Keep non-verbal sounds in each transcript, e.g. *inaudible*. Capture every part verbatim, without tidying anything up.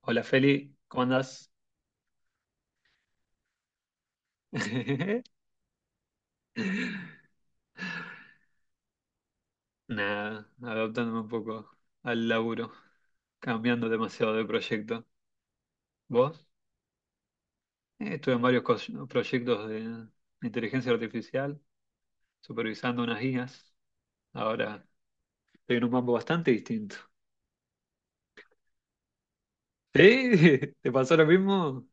Hola Feli, ¿cómo andás? *laughs* Nada, adaptándome un poco al laburo, cambiando demasiado de proyecto. ¿Vos? Eh, estuve en varios cos- proyectos de inteligencia artificial, supervisando unas guías. Ahora estoy en un mambo bastante distinto. ¿Sí? *laughs* ¿Te pasó lo mismo?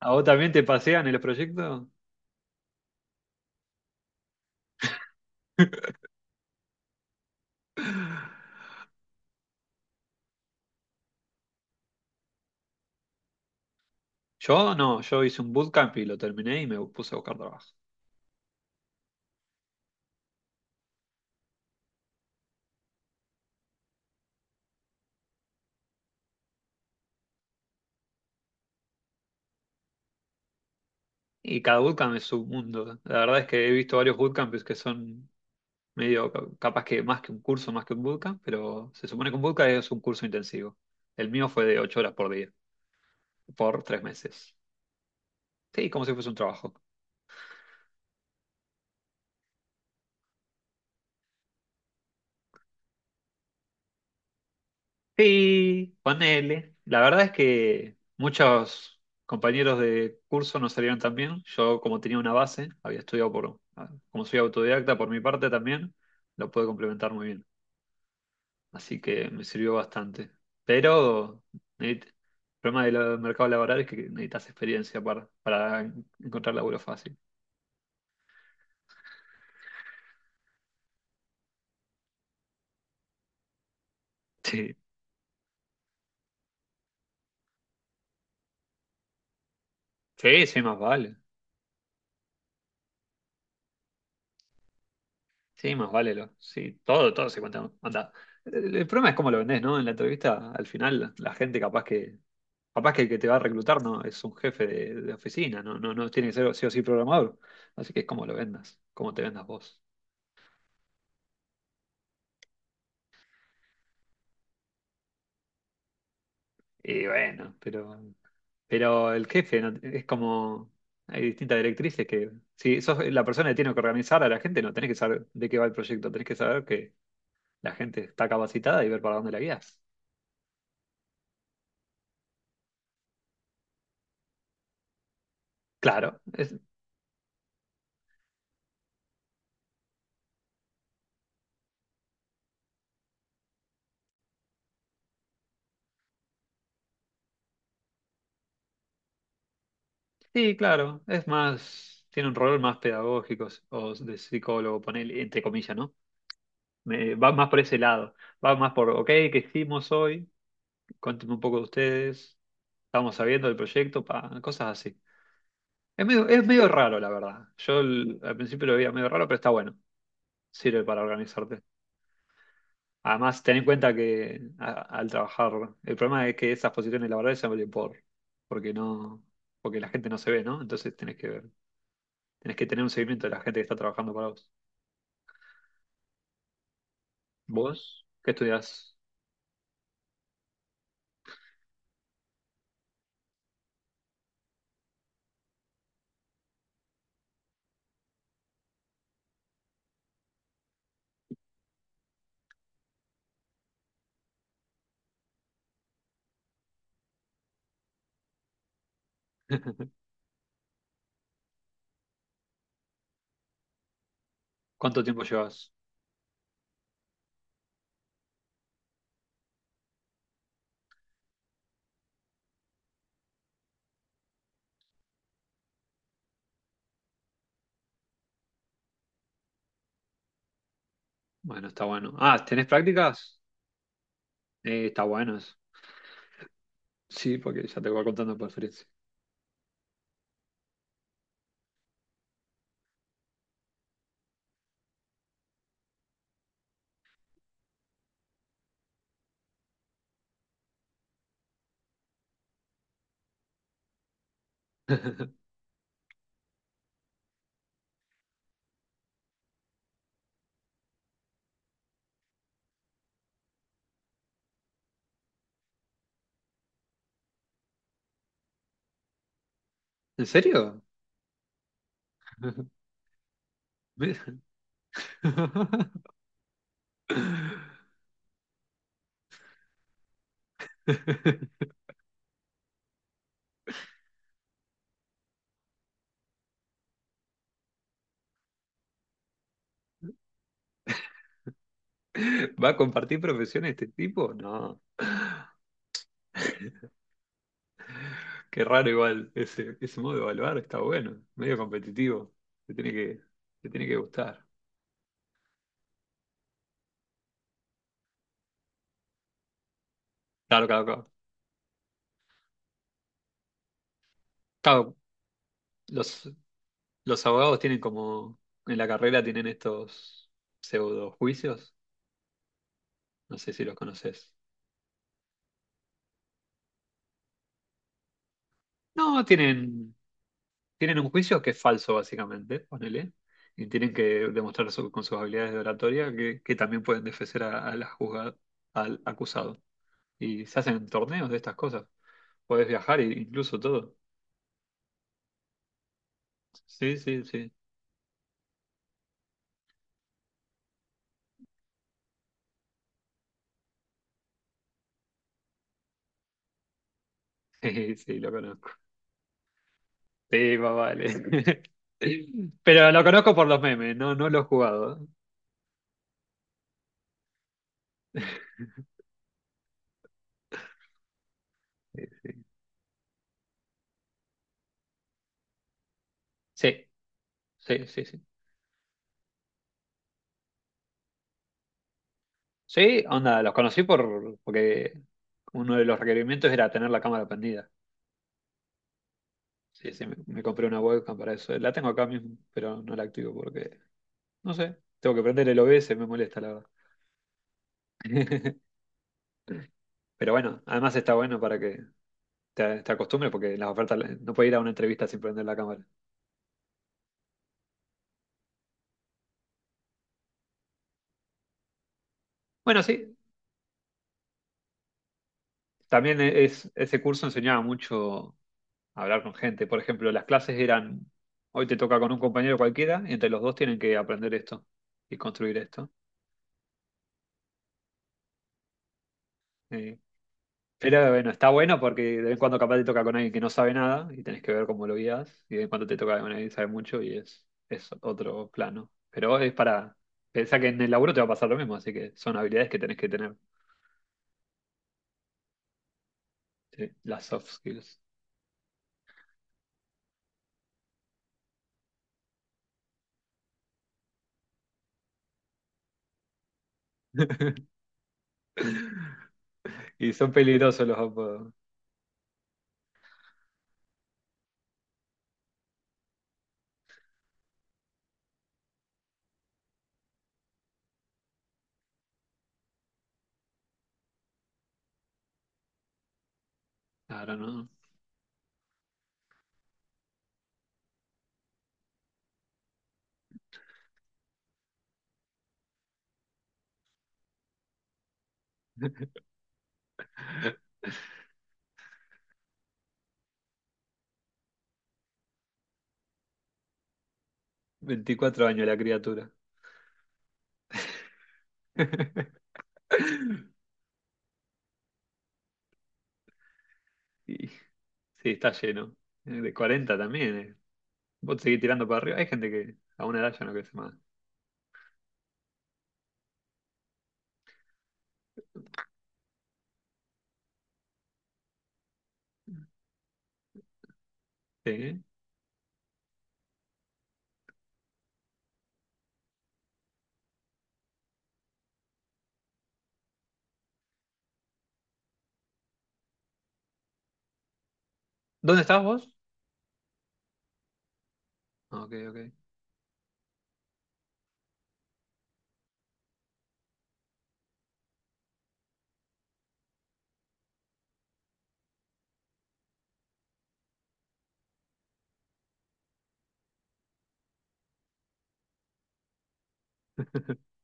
¿A vos también te pasean en los proyectos? *laughs* Yo no, yo hice un bootcamp y lo terminé y me puse a buscar trabajo. Y cada bootcamp es un mundo. La verdad es que he visto varios bootcamps que son medio ca- capaz que más que un curso, más que un bootcamp, pero se supone que un bootcamp es un curso intensivo. El mío fue de ocho horas por día, por tres meses. Sí, como si fuese un trabajo. Sí, ponele. La verdad es que muchos compañeros de curso no salieron tan bien. Yo, como tenía una base, había estudiado por, ah, como soy autodidacta por mi parte también, lo pude complementar muy bien. Así que me sirvió bastante. Pero necesit- el problema del eh, mercado laboral es que necesitas experiencia para, para en- encontrar laburo fácil. *laughs* Sí, sí, sí, más vale. Sí, más vale. Lo, sí, todo, todo se cuenta. Anda. El, el problema es cómo lo vendés, ¿no? En la entrevista, al final, la gente capaz que, capaz que el que te va a reclutar no es un jefe de, de oficina, no, no, no tiene que ser sí o sí programador. Así que es cómo lo vendas, cómo te vendas vos. Y bueno, pero Pero el jefe no- Es como. Hay distintas directrices que. Si sos la persona que tiene que organizar a la gente, no tenés que saber de qué va el proyecto, tenés que saber que la gente está capacitada y ver para dónde la guías. Claro, es- sí, claro, es más. Tiene un rol más pedagógico s- o de psicólogo, ponele, entre comillas, ¿no? Me- va más por ese lado. Va más por, ok, ¿qué hicimos hoy? Cuéntame un poco de ustedes. Estamos sabiendo del proyecto, pa, cosas así. Es medio, es medio raro, la verdad. Yo el- al principio lo veía medio raro, pero está bueno. Sirve para organizarte. Además, ten en cuenta que a- al trabajar, el problema es que esas posiciones laborales se abren por, porque no, porque la gente no se ve, ¿no? Entonces tenés que ver, tenés que tener un seguimiento de la gente que está trabajando para vos. ¿Vos qué estudiás? ¿Cuánto tiempo llevas? Bueno, está bueno. Ah, ¿tenés prácticas? Eh, está bueno eso. Sí, porque ya te voy contando por experiencia. *laughs* ¿En serio? *laughs* Mira. *laughs* ¿Va a compartir profesión este tipo? No. Qué raro igual, ese, ese modo de evaluar está bueno, medio competitivo, te tiene que, te tiene que gustar. Claro, claro, claro. Claro, los, los abogados tienen como, en la carrera tienen estos pseudo juicios, no sé si los conoces. No, tienen, tienen un juicio que es falso básicamente, ponele, y tienen que demostrar su- con sus habilidades de oratoria que, que también pueden defender a, a la juzga- al acusado. Y se hacen torneos de estas cosas, podés viajar e incluso todo. Sí, sí, sí. *laughs* Sí, sí, lo conozco. Sí, más vale. *laughs* Pero lo conozco por los memes, no, no lo he jugado. Sí, sí, sí, sí. Sí, onda, los conocí por, porque uno de los requerimientos era tener la cámara prendida. Sí, sí, me, me compré una webcam para eso. La tengo acá mismo, pero no la activo porque, no sé, tengo que prender el O B E ese, me molesta la verdad. *laughs* Pero bueno, además está bueno para que te, te acostumbres porque las ofertas no puedes ir a una entrevista sin prender la cámara. Bueno, sí, también e-, es, ese curso enseñaba mucho a hablar con gente. Por ejemplo, las clases eran, hoy te toca con un compañero cualquiera, y entre los dos tienen que aprender esto y construir esto. Eh, pero bueno, está bueno porque de vez en cuando capaz te toca con alguien que no sabe nada y tenés que ver cómo lo guías, y de vez en cuando te toca con alguien que sabe mucho y es, es otro plano. Pero es para, pensá que en el laburo te va a pasar lo mismo, así que son habilidades que tenés que tener, sí, las soft skills. *laughs* Y son peligrosos los apodos. Claro, ¿no? *laughs* Veinticuatro años la criatura. *laughs* Y, sí, está lleno. Eh, De cuarenta también. eh. Vos seguís tirando para arriba. Hay gente que a una edad ya no crece más. Sí. ¿eh? ¿Dónde estás vos? Ah, ok, ok. *laughs*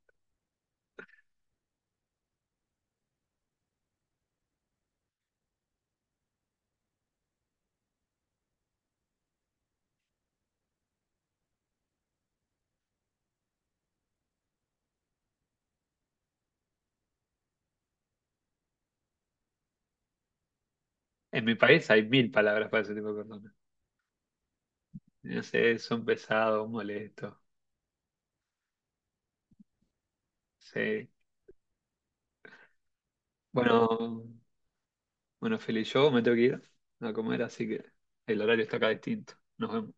En mi país hay mil palabras para ese tipo de personas. No sé, son pesados, molestos. Sí. Bueno, bueno, Feli, yo me tengo que ir a comer, así que el horario está acá distinto. Nos vemos.